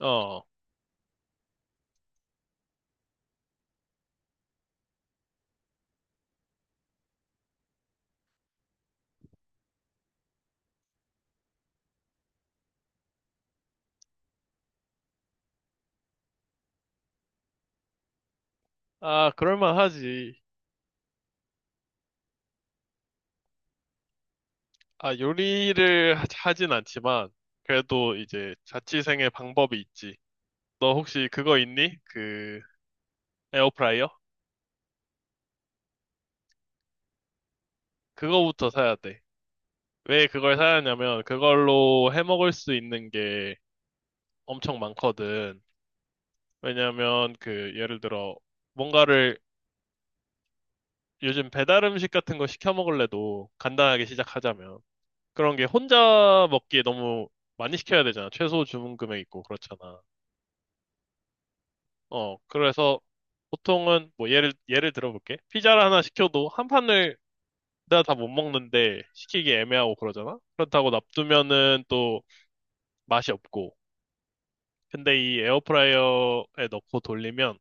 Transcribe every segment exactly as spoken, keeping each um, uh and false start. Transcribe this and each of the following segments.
어, 아, 그럴만하지. 아, 요리를 하- 하진 않지만, 그래도 이제 자취생의 방법이 있지. 너 혹시 그거 있니? 그, 에어프라이어? 그거부터 사야 돼. 왜 그걸 사야 하냐면, 그걸로 해 먹을 수 있는 게 엄청 많거든. 왜냐면, 그, 예를 들어, 뭔가를 요즘 배달 음식 같은 거 시켜 먹을래도 간단하게 시작하자면. 그런 게 혼자 먹기에 너무 많이 시켜야 되잖아. 최소 주문 금액 있고, 그렇잖아. 어, 그래서 보통은 뭐 예를 예를 들어볼게. 피자를 하나 시켜도 한 판을 내가 다 못 먹는데 시키기 애매하고 그러잖아. 그렇다고 놔두면은 또 맛이 없고. 근데 이 에어프라이어에 넣고 돌리면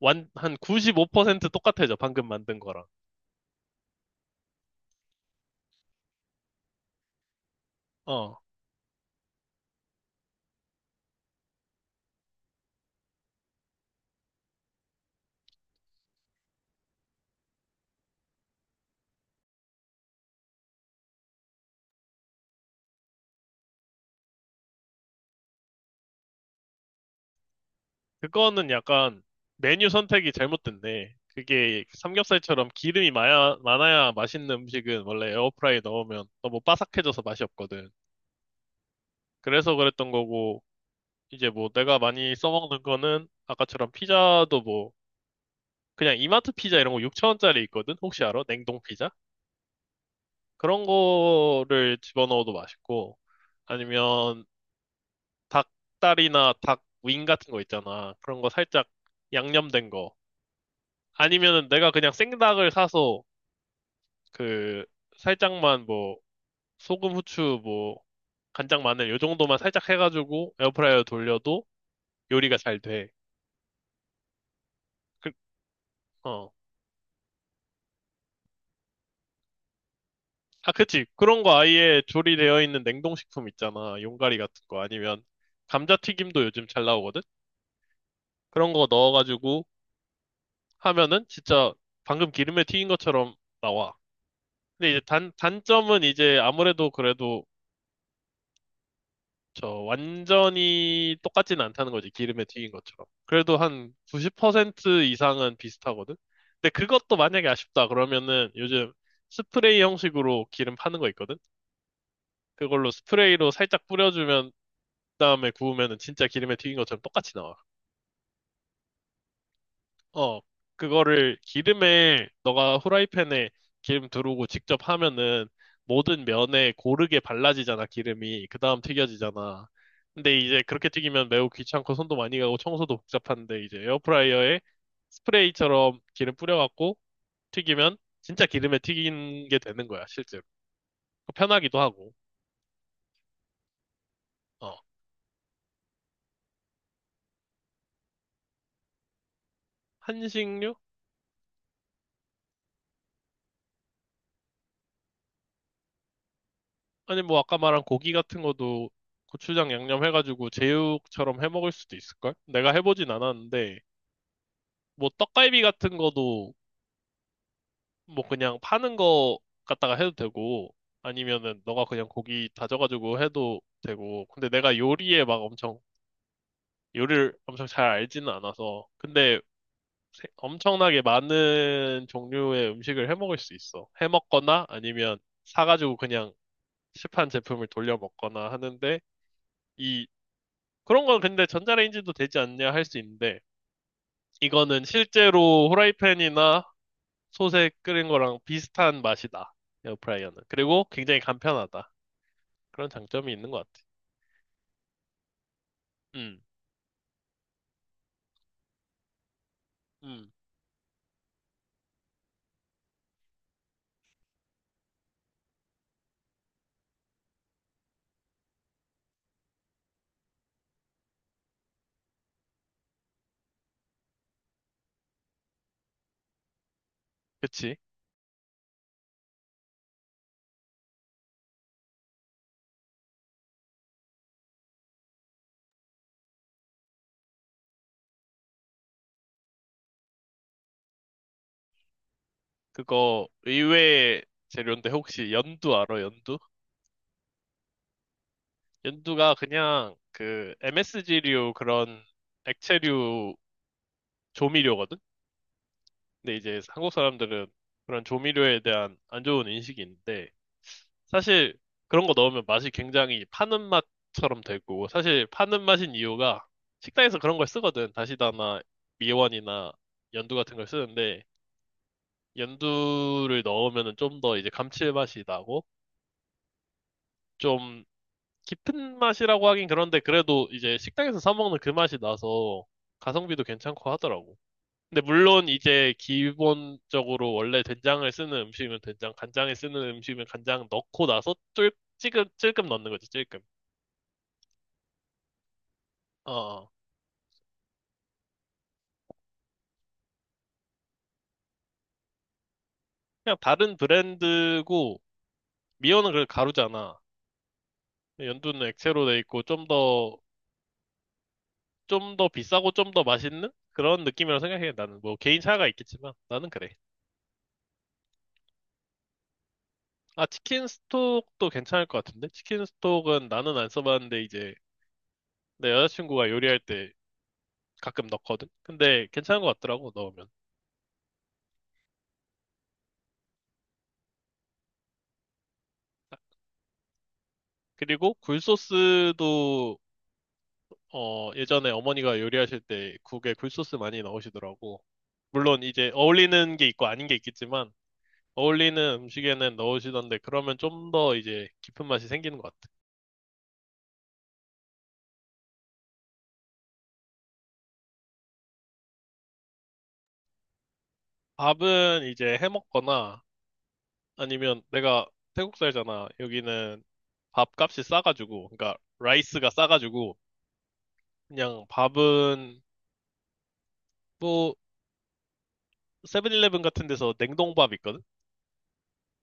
완 한 구십오 퍼센트 똑같아져. 방금 만든 거랑. 어, 그거는 약간 메뉴 선택이 잘못됐네. 그게 삼겹살처럼 기름이 많아, 많아야 맛있는 음식은 원래 에어프라이 넣으면 너무 바삭해져서 맛이 없거든. 그래서 그랬던 거고. 이제 뭐 내가 많이 써먹는 거는 아까처럼 피자도 뭐 그냥 이마트 피자 이런 거 육천 원짜리 있거든? 혹시 알아? 냉동 피자? 그런 거를 집어넣어도 맛있고 아니면 닭다리나 닭윙 같은 거 있잖아. 그런 거 살짝 양념된 거. 아니면은 내가 그냥 생닭을 사서 그 살짝만 뭐 소금, 후추, 뭐 간장, 마늘 요 정도만 살짝 해가지고 에어프라이어 돌려도 요리가 잘 돼. 그, 어. 아, 그치. 그런 거 아예 조리되어 있는 냉동식품 있잖아. 용가리 같은 거. 아니면 감자튀김도 요즘 잘 나오거든? 그런 거 넣어가지고 하면은 진짜 방금 기름에 튀긴 것처럼 나와. 근데 이제 단, 단점은 이제 아무래도 그래도 저 완전히 똑같진 않다는 거지. 기름에 튀긴 것처럼. 그래도 한 구십 퍼센트 이상은 비슷하거든? 근데 그것도 만약에 아쉽다 그러면은 요즘 스프레이 형식으로 기름 파는 거 있거든? 그걸로 스프레이로 살짝 뿌려주면 다음에 구우면은 진짜 기름에 튀긴 것처럼 똑같이 나와. 어, 그거를 기름에 너가 후라이팬에 기름 두르고 직접 하면은 모든 면에 고르게 발라지잖아, 기름이. 그 다음 튀겨지잖아. 근데 이제 그렇게 튀기면 매우 귀찮고 손도 많이 가고 청소도 복잡한데 이제 에어프라이어에 스프레이처럼 기름 뿌려갖고 튀기면 진짜 기름에 튀긴 게 되는 거야, 실제로. 편하기도 하고. 어, 한식류? 아니 뭐 아까 말한 고기 같은 것도 고추장 양념 해가지고 제육처럼 해 먹을 수도 있을걸? 내가 해보진 않았는데 뭐 떡갈비 같은 거도 뭐 그냥 파는 거 갖다가 해도 되고 아니면은 너가 그냥 고기 다져가지고 해도 되고 근데 내가 요리에 막 엄청 요리를 엄청 잘 알지는 않아서 근데 세- 엄청나게 많은 종류의 음식을 해 먹을 수 있어. 해 먹거나 아니면 사가지고 그냥 시판 제품을 돌려 먹거나 하는데 이 그런 건 근데 전자레인지도 되지 않냐 할 수 있는데, 이거는 실제로 후라이팬이나 솥에 끓인 거랑 비슷한 맛이다. 에어프라이어는. 그리고 굉장히 간편하다. 그런 장점이 있는 것 같아. 음, 음, 그치. 그거 의외의 재료인데 혹시 연두 알아, 연두? 연두가 그냥 그 엠에스지류 그런 액체류 조미료거든? 근데 이제 한국 사람들은 그런 조미료에 대한 안 좋은 인식이 있는데, 사실 그런 거 넣으면 맛이 굉장히 파는 맛처럼 되고, 사실 파는 맛인 이유가 식당에서 그런 걸 쓰거든. 다시다나 미원이나 연두 같은 걸 쓰는데, 연두를 넣으면은 좀 더 이제 감칠맛이 나고, 좀 깊은 맛이라고 하긴 그런데 그래도 이제 식당에서 사 먹는 그 맛이 나서 가성비도 괜찮고 하더라고. 근데 물론 이제 기본적으로 원래 된장을 쓰는 음식이면 된장, 간장을 쓰는 음식이면 간장 넣고 나서 쫄 찔끔 찔끔 넣는 거지, 찔끔. 어, 그냥 다른 브랜드고, 미어는 그걸 가루잖아. 연두는 액체로 돼 있고, 좀 더, 좀 더 비싸고 좀 더 맛있는? 그런 느낌이라고 생각해. 나는 뭐 개인 차이가 있겠지만, 나는 그래. 아, 치킨 스톡도 괜찮을 것 같은데? 치킨 스톡은 나는 안 써봤는데, 이제 내 여자친구가 요리할 때 가끔 넣거든? 근데 괜찮은 것 같더라고, 넣으면. 그리고 굴소스도, 어, 예전에 어머니가 요리하실 때 국에 굴소스 많이 넣으시더라고. 물론 이제 어울리는 게 있고 아닌 게 있겠지만 어울리는 음식에는 넣으시던데 그러면 좀 더 이제 깊은 맛이 생기는 것 같아. 밥은 이제 해 먹거나 아니면 내가 태국 살잖아. 여기는 밥값이 싸가지고 그러니까 라이스가 싸가지고 그냥 밥은 뭐 세븐일레븐 같은 데서 냉동밥 있거든.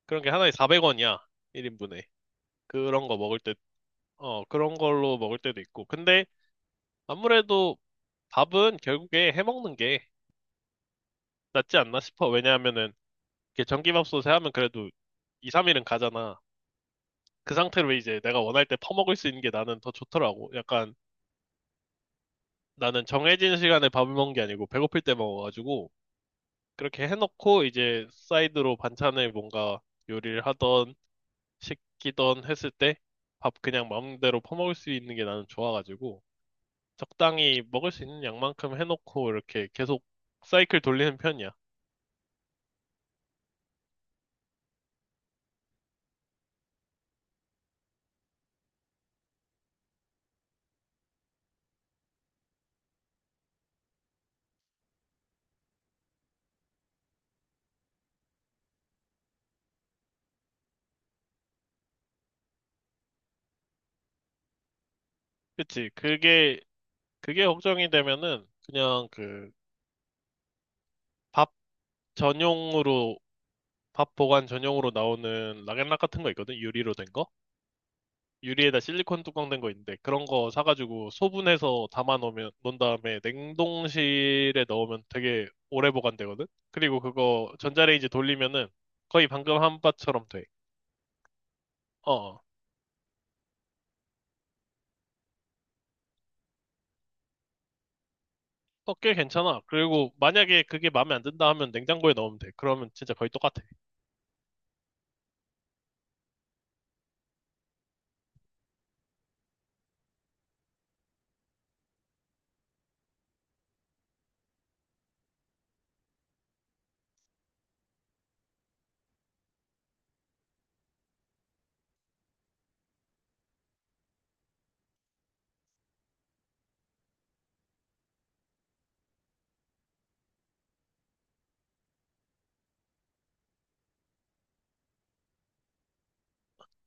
그런 게 하나에 사백 원이야. 일 인분에. 그런 거 먹을 때 어, 그런 걸로 먹을 때도 있고. 근데 아무래도 밥은 결국에 해 먹는 게 낫지 않나 싶어. 왜냐하면은 이게 전기밥솥에 하면 그래도 이, 삼 일은 가잖아. 그 상태로 이제 내가 원할 때 퍼먹을 수 있는 게 나는 더 좋더라고. 약간 나는 정해진 시간에 밥을 먹는 게 아니고 배고플 때 먹어가지고 그렇게 해놓고 이제 사이드로 반찬을 뭔가 요리를 하던 시키던 했을 때 밥 그냥 마음대로 퍼먹을 수 있는 게 나는 좋아가지고 적당히 먹을 수 있는 양만큼 해놓고 이렇게 계속 사이클 돌리는 편이야. 그치? 그게 그게 걱정이 되면은 그냥 그 밥 전용으로 밥 보관 전용으로 나오는 락앤락 같은 거 있거든? 유리로 된 거? 유리에다 실리콘 뚜껑 된 거 있는데 그런 거 사가지고 소분해서 담아 놓으면 놓은 다음에 냉동실에 넣으면 되게 오래 보관되거든? 그리고 그거 전자레인지 돌리면은 거의 방금 한 바처럼 돼. 어, 어, 어, 꽤 괜찮아. 그리고 만약에 그게 마음에 안 든다 하면 냉장고에 넣으면 돼. 그러면 진짜 거의 똑같아.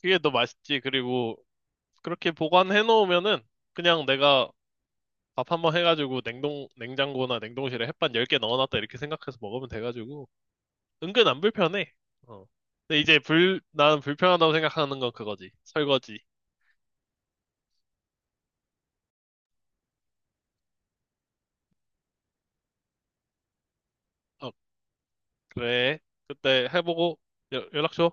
그게 더 맛있지. 그리고 그렇게 보관해 놓으면은 그냥 내가 밥 한번 해가지고 냉동, 냉장고나 냉동실에 햇반 열 개 넣어놨다 이렇게 생각해서 먹으면 돼가지고 은근 안 불편해. 어. 근데 이제 불, 나는 불편하다고 생각하는 건 그거지. 설거지. 어, 그래. 그때 해보고 여- 연락 줘.